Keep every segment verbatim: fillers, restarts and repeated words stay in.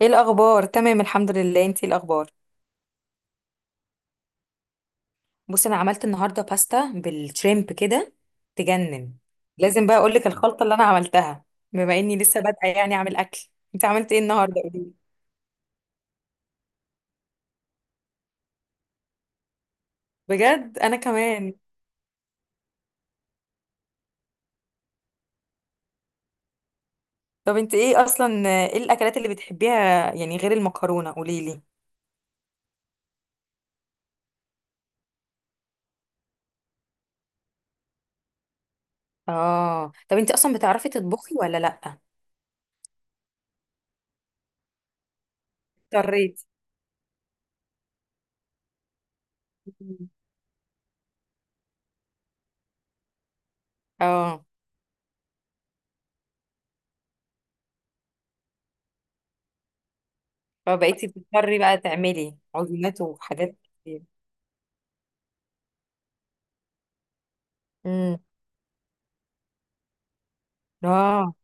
ايه الاخبار؟ تمام، الحمد لله. انتي إيه الاخبار؟ بصي، انا عملت النهارده باستا بالشريمب كده تجنن. لازم بقى اقول لك الخلطه اللي انا عملتها. بما اني لسه بادئه يعني اعمل اكل. انت عملت ايه النهارده؟ قولي. بجد، انا كمان. طب انت ايه اصلا، ايه الاكلات اللي بتحبيها يعني غير المكرونه؟ قولي لي. اه، طب انت اصلا بتعرفي تطبخي ولا لا؟ اضطريتي؟ اه، فبقيتي بتضطري بقى تعملي عزومات وحاجات كتير. امم. اه،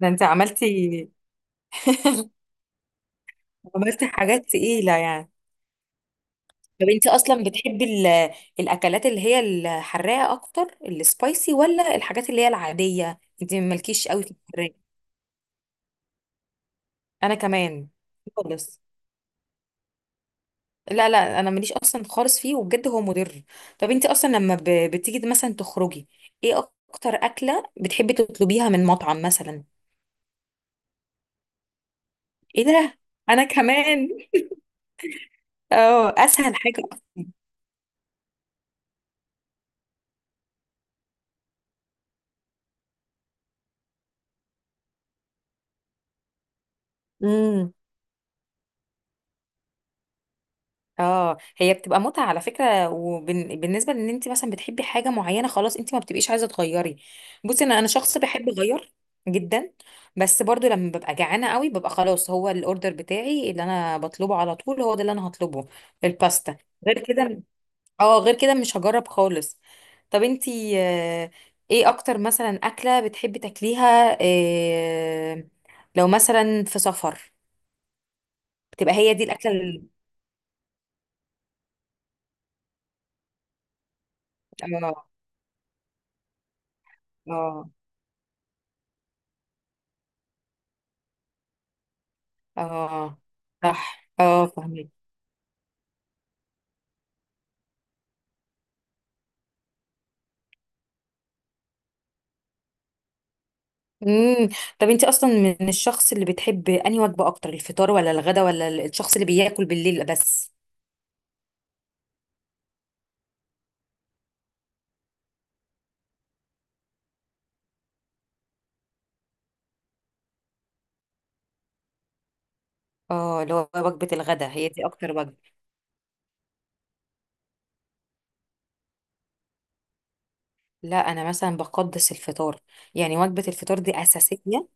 ده انت عملتي؟ عملت حاجات تقيلة يعني. طب انت اصلا بتحبي ال- الاكلات اللي هي الحراقه اكتر، السبايسي، ولا الحاجات اللي هي العاديه؟ انت مالكيش قوي في الحراقه؟ انا كمان. خالص. لا، لا، انا ماليش اصلا خالص فيه، وبجد هو مضر. طب انت اصلا لما ب- بتيجي مثلا تخرجي. ايه؟ اكتر اكله بتحبي تطلبيها من مطعم مثلا؟ ايه ده؟ انا كمان. اه، اسهل حاجه. اصلا. اه، هي بتبقى متعة على فكرة. وبالنسبة لان انت مثلا بتحبي حاجة معينة، خلاص انت ما بتبقيش عايزة تغيري. بصي، انا انا شخص بحب اغير جدا. بس برضو لما ببقى جعانة قوي ببقى خلاص، هو الاوردر بتاعي اللي انا بطلبه على طول هو ده اللي انا هطلبه. الباستا. غير كده. اه، غير كده مش هجرب خالص. طب انت. آه، ايه اكتر مثلا اكلة بتحبي تاكليها آه، لو مثلا في سفر بتبقى هي دي الاكلة ال- اه، اه، اه، صح، اه فهمت. امم. طب انت اصلا من الشخص اللي بتحب انهي وجبه اكتر، الفطار ولا الغدا ولا ال- الشخص اللي بياكل بالليل بس؟ اه، اللي هو وجبه الغدا هي دي اكتر وجبه. لا، انا مثلا بقدس الفطار. يعني وجبه الفطار دي اساسيه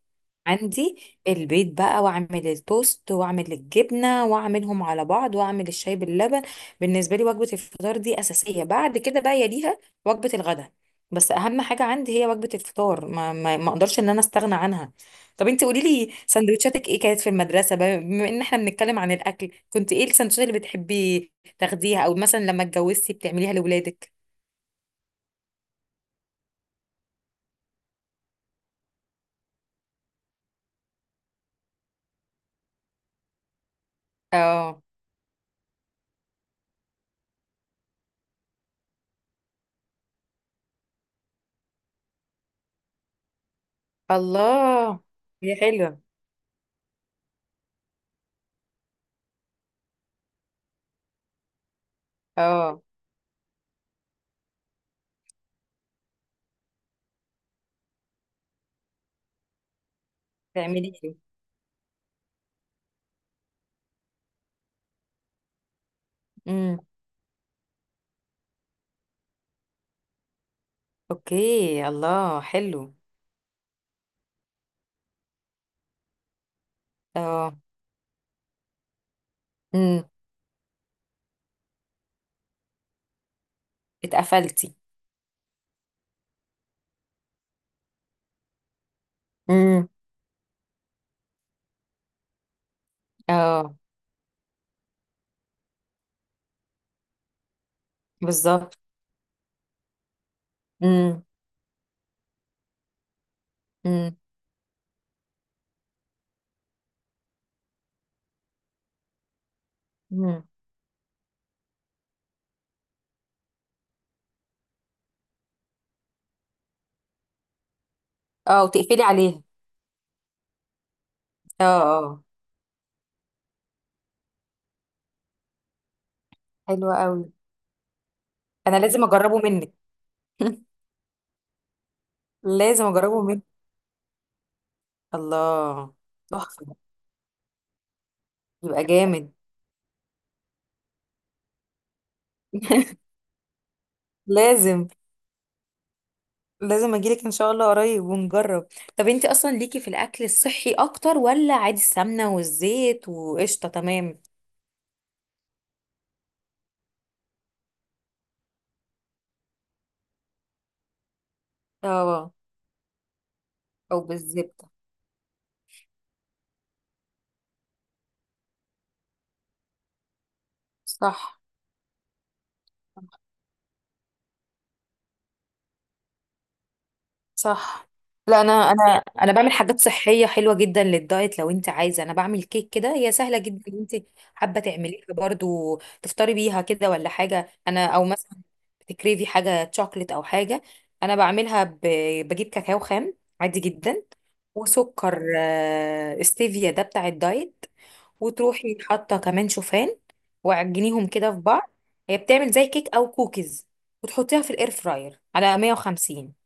عندي. البيض بقى واعمل التوست واعمل الجبنه واعملهم على بعض واعمل الشاي باللبن. بالنسبه لي وجبه الفطار دي اساسيه، بعد كده بقى يليها وجبه الغداء. بس اهم حاجه عندي هي وجبه الفطار، ما ما, ما اقدرش ان انا استغنى عنها. طب انت قولي لي سندوتشاتك ايه كانت في المدرسه بقى، بما ان احنا بنتكلم عن الاكل، كنت ايه السندوتشات اللي بتحبي تاخديها، او مثلا لما اتجوزتي بتعمليها لاولادك؟ اه، الله، دي حلوه. اه. تعملي ايه؟ اوكي، الله، حلو. اه. امم. اتقفلتي؟ امم. اه، بالظبط. امم. امم. امم. اه، وتقفلي عليها. اه، اه. حلو قوي. انا لازم اجربه منك. لازم اجربه منك. الله، تحفه. يبقى جامد. لازم، لازم اجيلك ان شاء الله قريب ونجرب. طب انت اصلا ليكي في الاكل الصحي اكتر، ولا عادي السمنه والزيت وقشطه تمام؟ اه، او بالزبده. صح، صح. لا، انا انا انا بعمل حاجات صحيه حلوه جدا للدايت. لو انت عايزه، انا بعمل كيك كده هي سهله جدا، لو انت حابه تعمليها برضو تفطري بيها كده، ولا حاجه. انا، او مثلا بتكريفي حاجه شوكليت او حاجه؟ انا بعملها ب... بجيب كاكاو خام عادي جدا. وسكر آه، ستيفيا ده بتاع الدايت. وتروحي حاطه كمان شوفان، وعجنيهم كده في بعض. هي بتعمل زي كيك او كوكيز. وتحطيها في الاير فراير على مية وخمسين،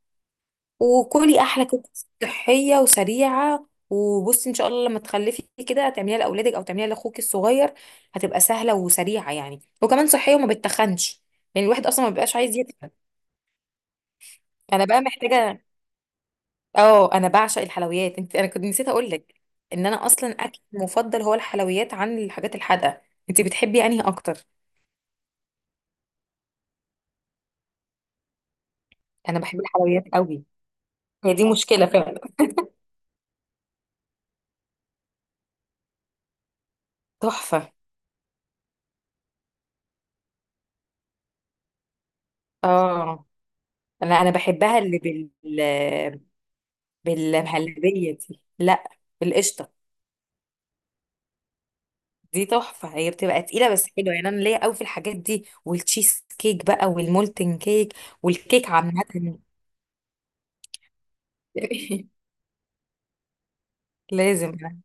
وكلي احلى كده. صحيه وسريعه. وبصي ان شاء الله لما تخلفي كده هتعمليها لاولادك او تعمليها لاخوك الصغير. هتبقى سهله وسريعه يعني، وكمان صحيه وما بتخنش. يعني الواحد اصلا ما بيبقاش عايز يتخن. انا بقى محتاجه. اه، انا بعشق الحلويات. انت، انا كنت نسيت اقول لك ان انا اصلا اكل مفضل هو الحلويات عن الحاجات الحادقه. انت بتحبي انهي اكتر؟ انا بحب الحلويات قوي. هي دي مشكله فعلا. تحفه. اه، انا انا بحبها اللي بال بالمهلبية دي لا. بالقشطة دي تحفة، هي بتبقى تقيلة بس حلوة. يعني أنا ليا قوي في الحاجات دي، والتشيز كيك بقى والمولتن كيك والكيك عامة. لازم يعني.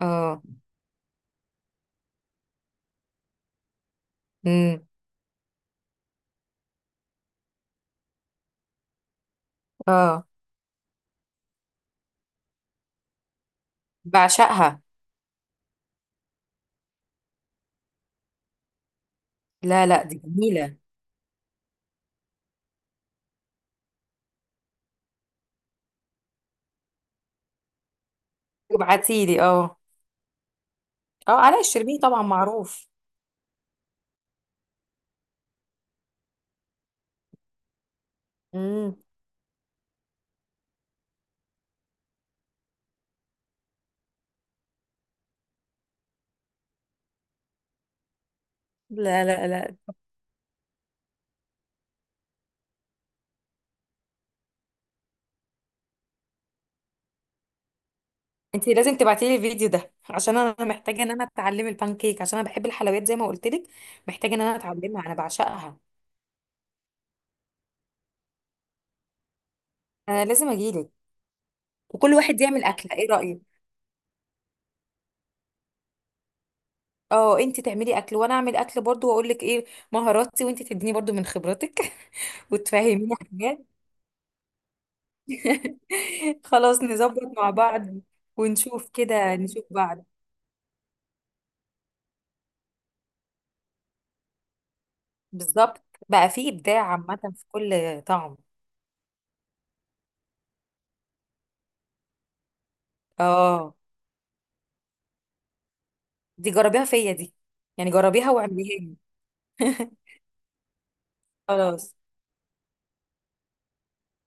اه. امم. اه. بعشقها. لا، لا، دي جميلة. ابعتيلي، اه. اه، علاء الشربيني طبعا معروف. امم. لا، لا، لا، انت لازم تبعتيلي الفيديو ده عشان انا محتاجة ان انا اتعلم البانكيك، عشان انا بحب الحلويات زي ما قلت لك. محتاجة ان انا اتعلمها، انا بعشقها. انا لازم اجيلك. وكل واحد يعمل اكله، ايه رايك؟ اه، انت تعملي اكل وانا اعمل اكل برضو، واقول لك ايه مهاراتي، وانت تديني برضو من خبرتك وتفهميني حاجات. خلاص، نظبط مع بعض ونشوف كده، نشوف بعض. بالظبط. بقى في ابداع عامه في كل طعم. اه، دي جربيها فيا دي. يعني جربيها واعمليها لي. خلاص.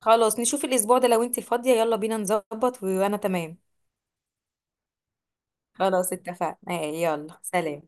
خلاص، نشوف الاسبوع ده لو انت فاضيه. يلا بينا نظبط، وانا تمام. خلاص، اتفقنا آه، يلا، سلام.